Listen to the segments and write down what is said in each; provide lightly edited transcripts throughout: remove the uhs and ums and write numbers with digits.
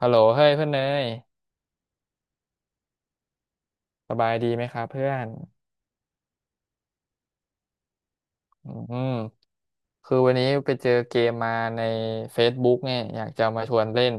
ฮัลโหลเฮ้ยเพื่อนเนยสบายดีไหมครับเพื่อนอืมคือวันนี้ไปเจอเกมมาใน Facebook เนี่ยอยากจะมาชวนเล่น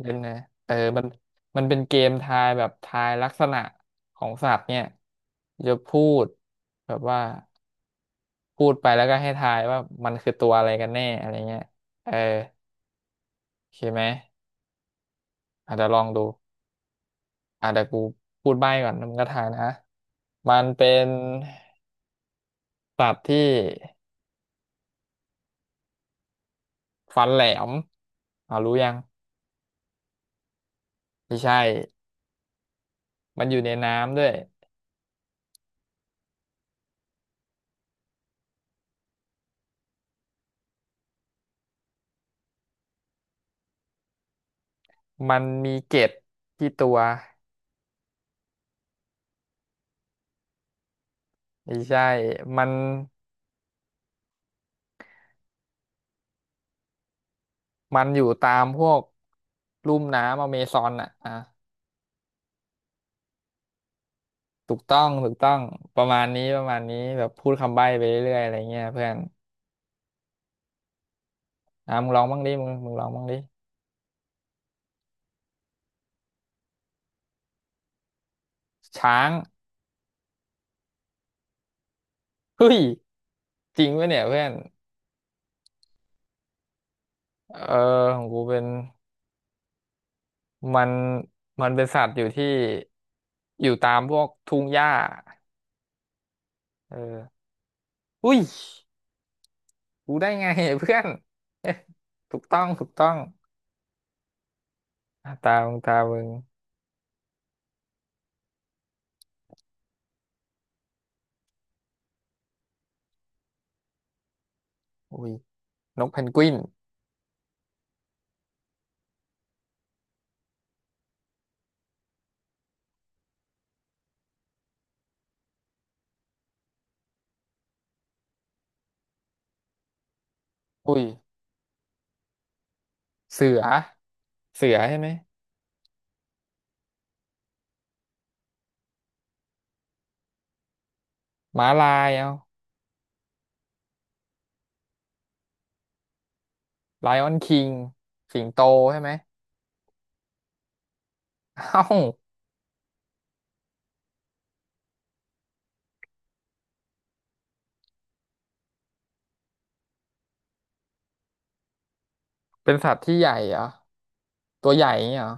เล่นนะเออมันมันเป็นเกมทายแบบทายลักษณะของสัตว์เนี่ยจะพูดแบบว่าพูดไปแล้วก็ให้ทายว่ามันคือตัวอะไรกันแน่อะไรเงี้ยเออโอเคไหมอาจจะเดี๋ยวลองดูอาจจะเดี๋ยวกูพูดใบ้ก่อนแล้วมึงก็ทายนะมันเป็นสัตว์ที่ ฟันแหลมอ่ารู้ยังไม่ใช่มันอยู่ในน้ำด้วยมันมีเกล็ดที่ตัวไม่ใช่มันมันอยู่ตามพวกลุ่มน้ำอเมซอนอ่ะอ่ะถูกต้องถูกต้องประมาณนี้ประมาณนี้แบบพูดคำใบ้ไปเรื่อยๆอะไรเงี้ยเพื่อนอ่ะมึงลองบ้างดิมึงลองบ้างดิช้างเฮ้ยจริงปะเนี่ยเพื่อนเออของกูเป็นมันมันเป็นสัตว์อยู่ที่อยู่ตามพวกทุ่งหญ้าเออ อุ้ยรู้ได้ไงเพื่อน ถูกต้องถูกต้องอ่ะตามึงตามึงอุ้ยนกเพนกวินอุ้ยเสือเสือใช่ไหมม้าลายเอาไลออนคิงสิงโตใช่ไหมเอ้าเป็นสัตว์ที่ใหญ่เหรอตัวใหญ่อย่างเงี้ยเหรอ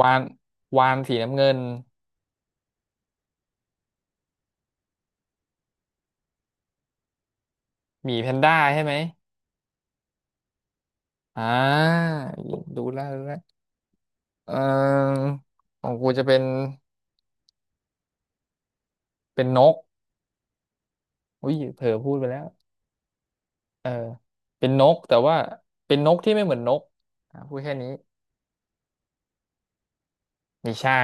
วานวานสีน้ำเงินหมีแพนด้าใช่ไหมอ่าดูแล้วดูแล้วเออของกูจะเป็นเป็นนกอุ้ยเผลอพูดไปแล้ว เออเป็นนกแต่ว่าเป็นนกที่ไม่เหมือนนกอ่ะพูดแค่นี้ไม่ใช่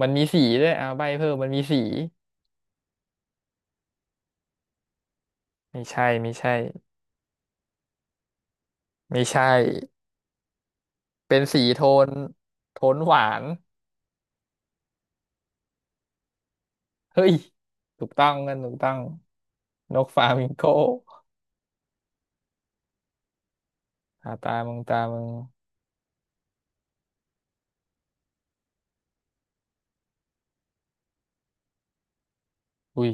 มันมีสีด้วยอ่าใบเพิ่มมันมีสีไม่ใช่ไม่ใช่ไม่ใช่เป็นสีโทนโทนหวานเฮ้ยถูกต้องกันถูกต้องนกฟลามิงโกอ่าตามึงตามึงอุ้ย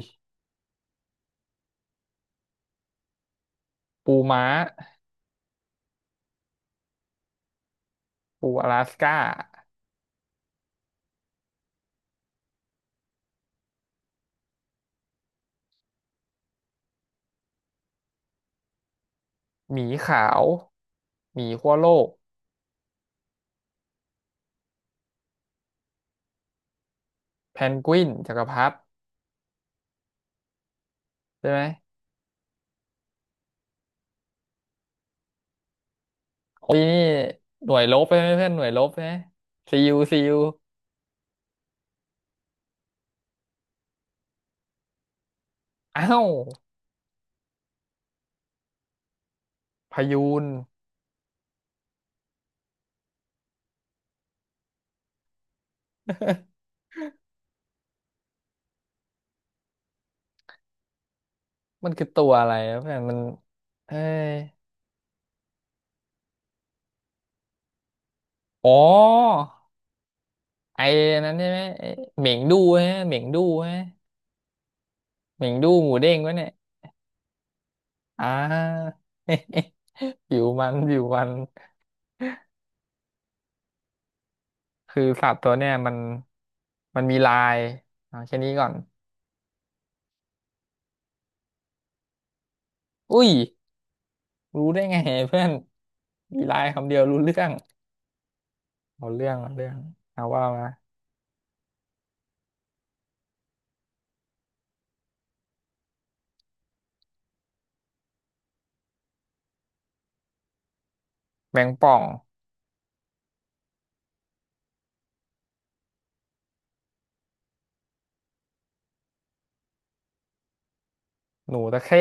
ปูม้าปูอลาสก้าหมีขาวหมีขั้วโลกแพนกวินจักรพรรดิใช่ไหม โอ้ยนี่หน่วยลบใช่ไหมเพื่อนหน่วยลบใช่ไหมซียูซียูอ้าวพายูนมันคือตัวอะไรนะเพื่อนมันเอ้ยอ๋อไอ้นั้นใช่ไหมไอ้เหม่งดูฮะเหม่งดูฮะเหม่งดูหมูเด้งวะเนี่ยอ่า ผิวมันผิวมันคือสัตว์ตัวเนี่ยมันมีลายเอาแค่นี้ก่อนอุ้ยรู้ได้ไงเพื่อนมีลายคำเดียวรู้เรื่องเอาเรื่องเอาเรื่องเอาว่ามาแมงป่อง หนูตะเข้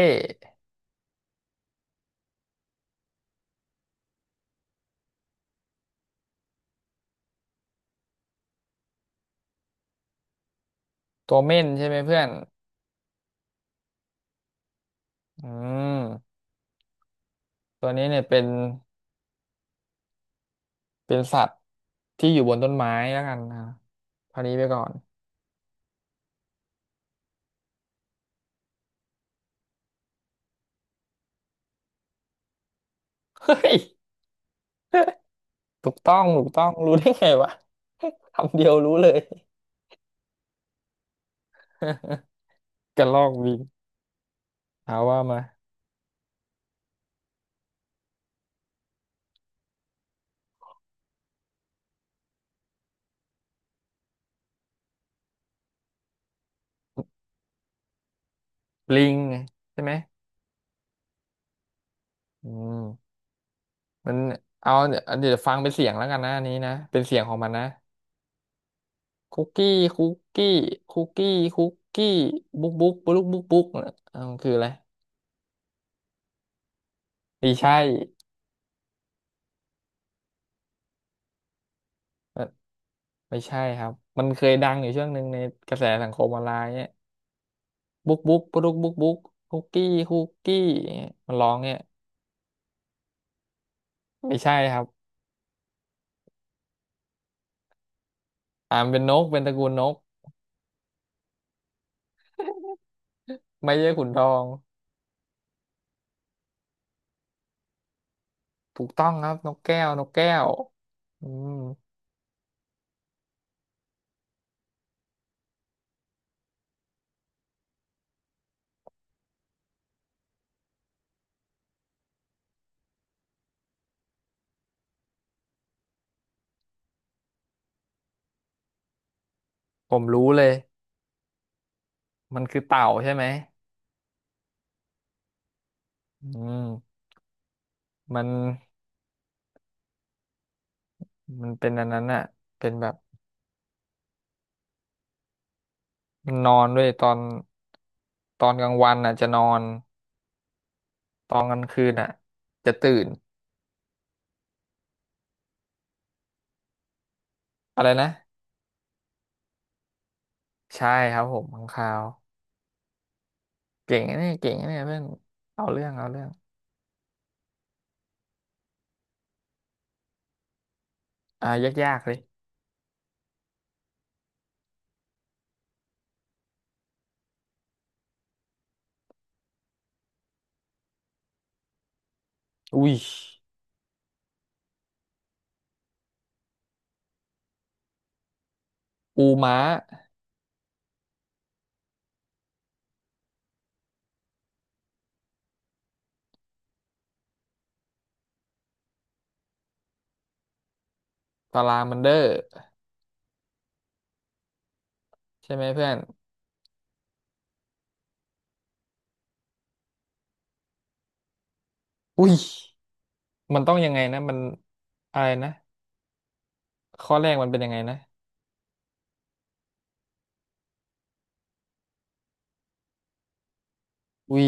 ตัวเม่นใช่ไหมเพื่อนอืมตัวนี้เนี่ยเป็นเป็นสัตว์ที่อยู่บนต้นไม้แล้วกันนะคราวนี้ไปก่อนเฮ้ยถูกต้องถูกต้อง รู้ได้ไงวะ คำเดียวรู้เลย กระรอกบินเอาว่ามาลิงไงใช่ไหมอืมมันเอาเนี่ยวเดี๋ยวฟังเป็นเสียงแล้วกันนะอันนี้นะเป็นเสียงของมันนะคุกกี้คุกกี้คุกกี้คุกกี้บุ๊กบุ๊กบุ๊กบุ๊กบุ๊กเออมันคืออะไรไม่ใช่ ไม่ใช่ครับมันเคยดังอยู่ช่วงหนึ่งในกระแสสังคมออนไลน์เนี่ยบุ๊กบุ๊กปุ๊กบุ๊กบุ๊กคุกกี้คุกกี้เนี่ยมันร้องเนี่ยไม่ใช่ครับอ่ามนเป็นนกเป็นตระกูลนกไม่ใช่ขุนทองถูกต้องครับนกแก้วนกแก้วอืมผมรู้เลยมันคือเต่าใช่ไหมอืมมันมันเป็นอันนั้นอะเป็นแบบมันนอนด้วยตอนตอนกลางวันอ่ะจะนอนตอนกลางคืนอ่ะจะตื่นอะไรนะใช่ครับผมข้างคาว เก่งนะเนี่ยเก่งนะเนี่ยเพื่อนเอาเรื่องเอาเรื่องอ่ายากยเลยอุ้ยปูม้าตารางมันเดอร์ใช่ไหมเพื่อนอุ้ยมันต้องยังไงนะมันอะไรนะข้อแรกมันเป็นยังไงนะอุ้ย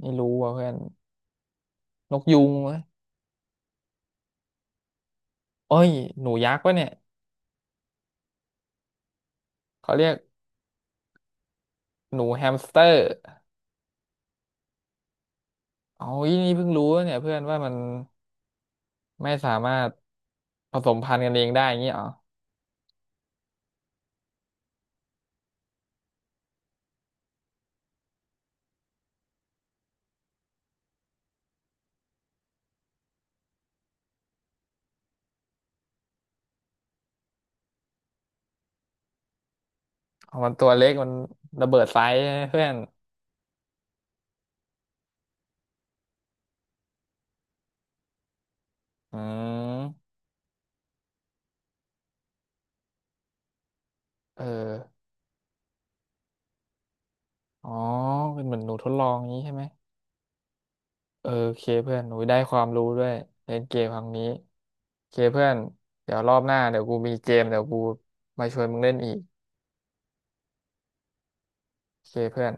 ไม่รู้ว่ะเพื่อนนกยูงวะเอ้ยหนูยักษ์วะเนี่ยเขาเรียกหนูแฮมสเตอร์เอาอีนี่เพิ่งรู้วะเนี่ยเพื่อนว่ามันไม่สามารถผสมพันธุ์กันเองได้อย่างงี้เหรอเอามันตัวเล็กมันระเบิดไซส์ใช่ไหมเพื่อนอืมเออ อ๋อเป็นเหมือนหนูทดลองนี้ใช่ไหมเออโอเคเพื่อนหนูได้ความรู้ด้วยเล่นเกมครั้งนี้โอเคเพื่อนเดี๋ยวรอบหน้าเดี๋ยวกูมีเกมเดี๋ยวกูมาชวนมึงเล่นอีกโอเคเพื่อน